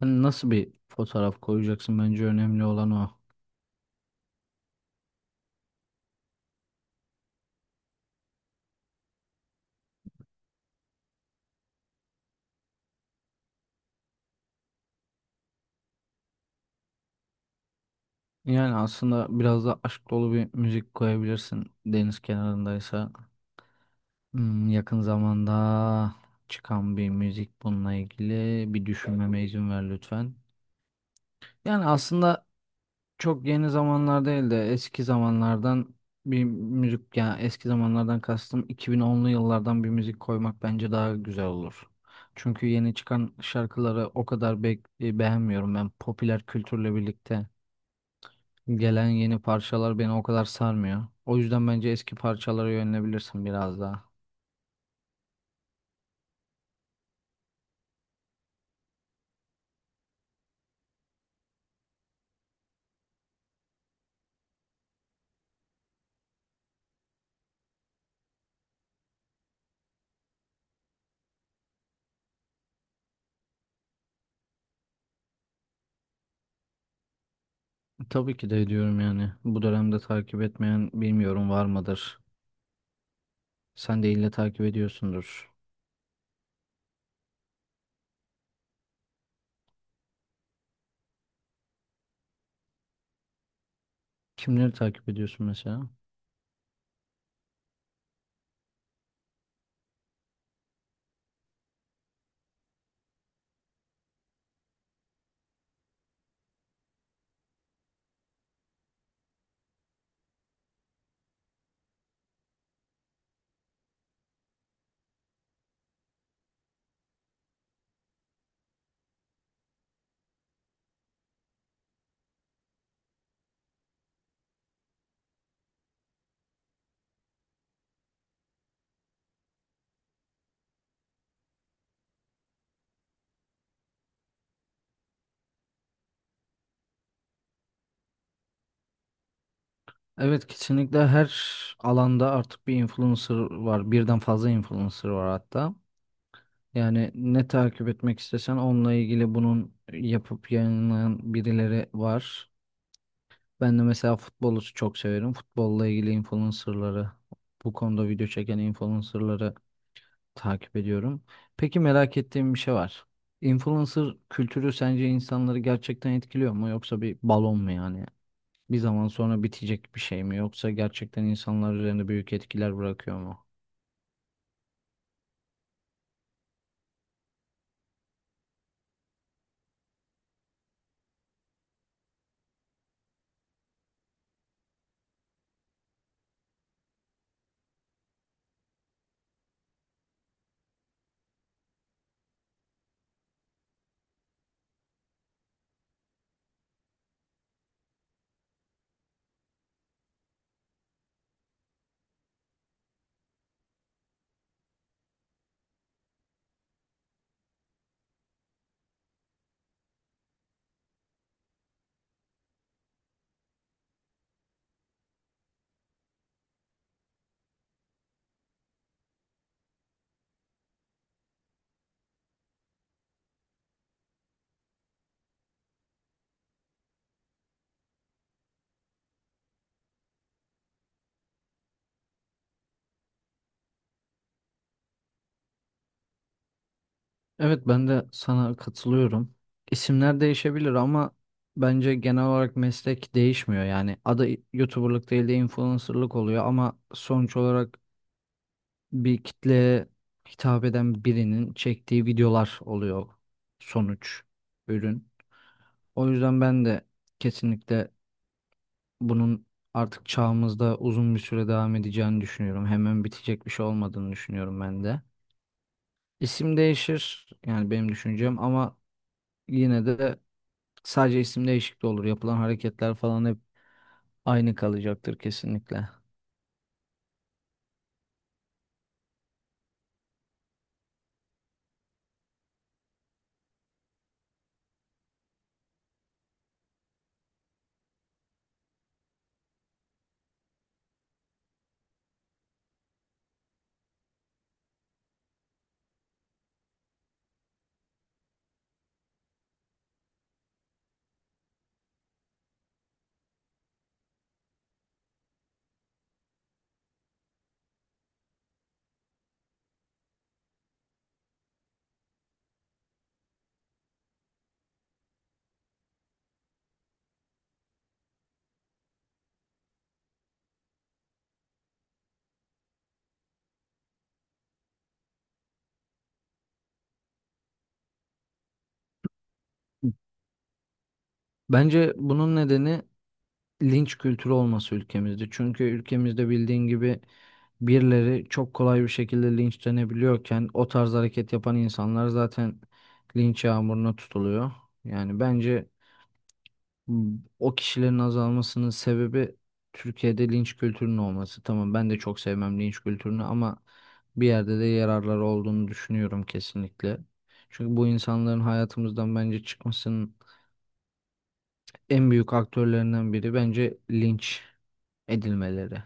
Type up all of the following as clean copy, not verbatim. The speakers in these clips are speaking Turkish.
Hani nasıl bir fotoğraf koyacaksın, bence önemli olan o. Yani aslında biraz da aşk dolu bir müzik koyabilirsin deniz kenarındaysa. Hmm, yakın zamanda çıkan bir müzik, bununla ilgili bir düşünmeme izin ver lütfen. Yani aslında çok yeni zamanlar değil de eski zamanlardan bir müzik, yani eski zamanlardan kastım 2010'lu yıllardan bir müzik koymak bence daha güzel olur. Çünkü yeni çıkan şarkıları o kadar beğenmiyorum ben. Popüler kültürle birlikte gelen yeni parçalar beni o kadar sarmıyor. O yüzden bence eski parçalara yönelebilirsin biraz daha. Tabii ki de ediyorum yani. Bu dönemde takip etmeyen bilmiyorum, var mıdır? Sen de ille takip ediyorsundur. Kimleri takip ediyorsun mesela? Evet, kesinlikle her alanda artık bir influencer var. Birden fazla influencer var hatta. Yani ne takip etmek istesen onunla ilgili bunun yapıp yayınlayan birileri var. Ben de mesela futbolu çok severim. Futbolla ilgili influencerları, bu konuda video çeken influencerları takip ediyorum. Peki, merak ettiğim bir şey var. Influencer kültürü sence insanları gerçekten etkiliyor mu, yoksa bir balon mu yani? Bir zaman sonra bitecek bir şey mi, yoksa gerçekten insanlar üzerinde büyük etkiler bırakıyor mu? Evet, ben de sana katılıyorum. İsimler değişebilir ama bence genel olarak meslek değişmiyor. Yani adı YouTuber'lık değil de influencer'lık oluyor, ama sonuç olarak bir kitleye hitap eden birinin çektiği videolar oluyor sonuç, ürün. O yüzden ben de kesinlikle bunun artık çağımızda uzun bir süre devam edeceğini düşünüyorum. Hemen bitecek bir şey olmadığını düşünüyorum ben de. İsim değişir yani, benim düşüncem, ama yine de sadece isim değişikliği olur. Yapılan hareketler falan hep aynı kalacaktır kesinlikle. Bence bunun nedeni linç kültürü olması ülkemizde. Çünkü ülkemizde bildiğin gibi birileri çok kolay bir şekilde linçlenebiliyorken, o tarz hareket yapan insanlar zaten linç yağmuruna tutuluyor. Yani bence, hmm, o kişilerin azalmasının sebebi Türkiye'de linç kültürünün olması. Tamam, ben de çok sevmem linç kültürünü, ama bir yerde de yararları olduğunu düşünüyorum kesinlikle. Çünkü bu insanların hayatımızdan bence çıkmasının en büyük aktörlerinden biri bence linç edilmeleri.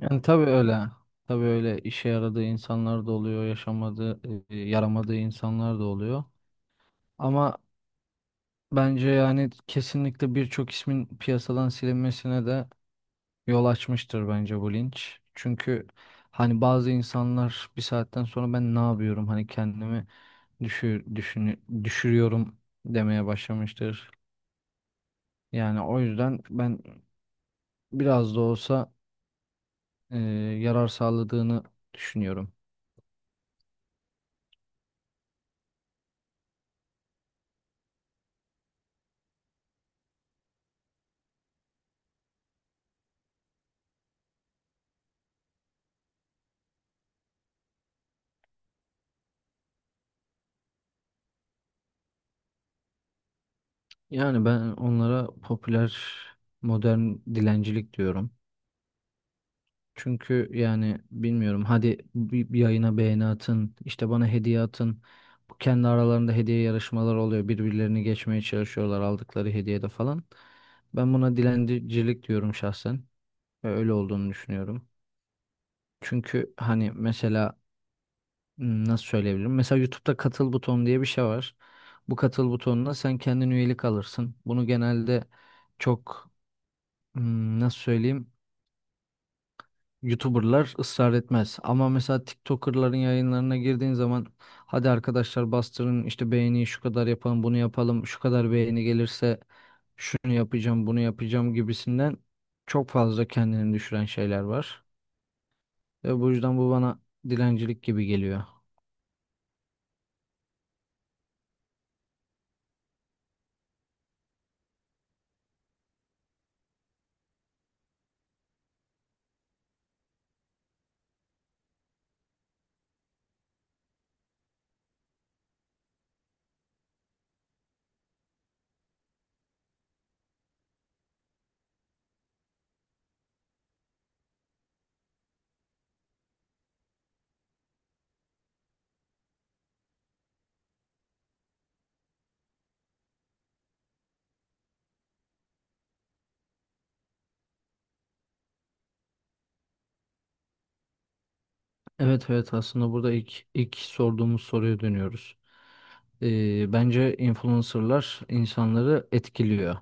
Yani tabii öyle. Tabii öyle, işe yaradığı insanlar da oluyor, yaramadığı insanlar da oluyor. Ama bence yani kesinlikle birçok ismin piyasadan silinmesine de yol açmıştır bence bu linç. Çünkü hani bazı insanlar bir saatten sonra ben ne yapıyorum, hani kendimi düşürüyorum demeye başlamıştır. Yani o yüzden ben biraz da olsa e, yarar sağladığını düşünüyorum. Yani ben onlara popüler modern dilencilik diyorum. Çünkü yani bilmiyorum, hadi bir yayına beğeni atın, işte bana hediye atın. Bu kendi aralarında hediye yarışmaları oluyor, birbirlerini geçmeye çalışıyorlar aldıkları hediyede falan. Ben buna dilencilik diyorum şahsen ve öyle olduğunu düşünüyorum. Çünkü hani mesela, hmm, nasıl söyleyebilirim? Mesela YouTube'da katıl butonu diye bir şey var. Bu katıl butonuna sen kendin üyelik alırsın. Bunu genelde çok, hmm, nasıl söyleyeyim? YouTuber'lar ısrar etmez. Ama mesela TikToker'ların yayınlarına girdiğin zaman hadi arkadaşlar bastırın işte, beğeniyi şu kadar yapalım, bunu yapalım, şu kadar beğeni gelirse şunu yapacağım, bunu yapacağım gibisinden çok fazla kendini düşüren şeyler var. Ve bu yüzden bu bana dilencilik gibi geliyor. Evet, evet, aslında burada ilk sorduğumuz soruya dönüyoruz. Bence influencer'lar insanları etkiliyor.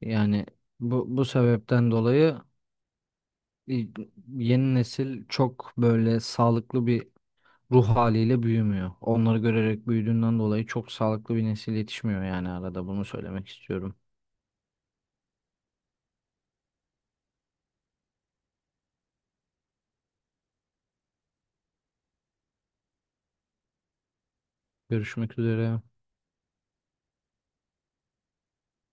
Yani bu sebepten dolayı e, yeni nesil çok böyle sağlıklı bir ruh haliyle büyümüyor. Onları görerek büyüdüğünden dolayı çok sağlıklı bir nesil yetişmiyor yani, arada bunu söylemek istiyorum. Görüşmek üzere.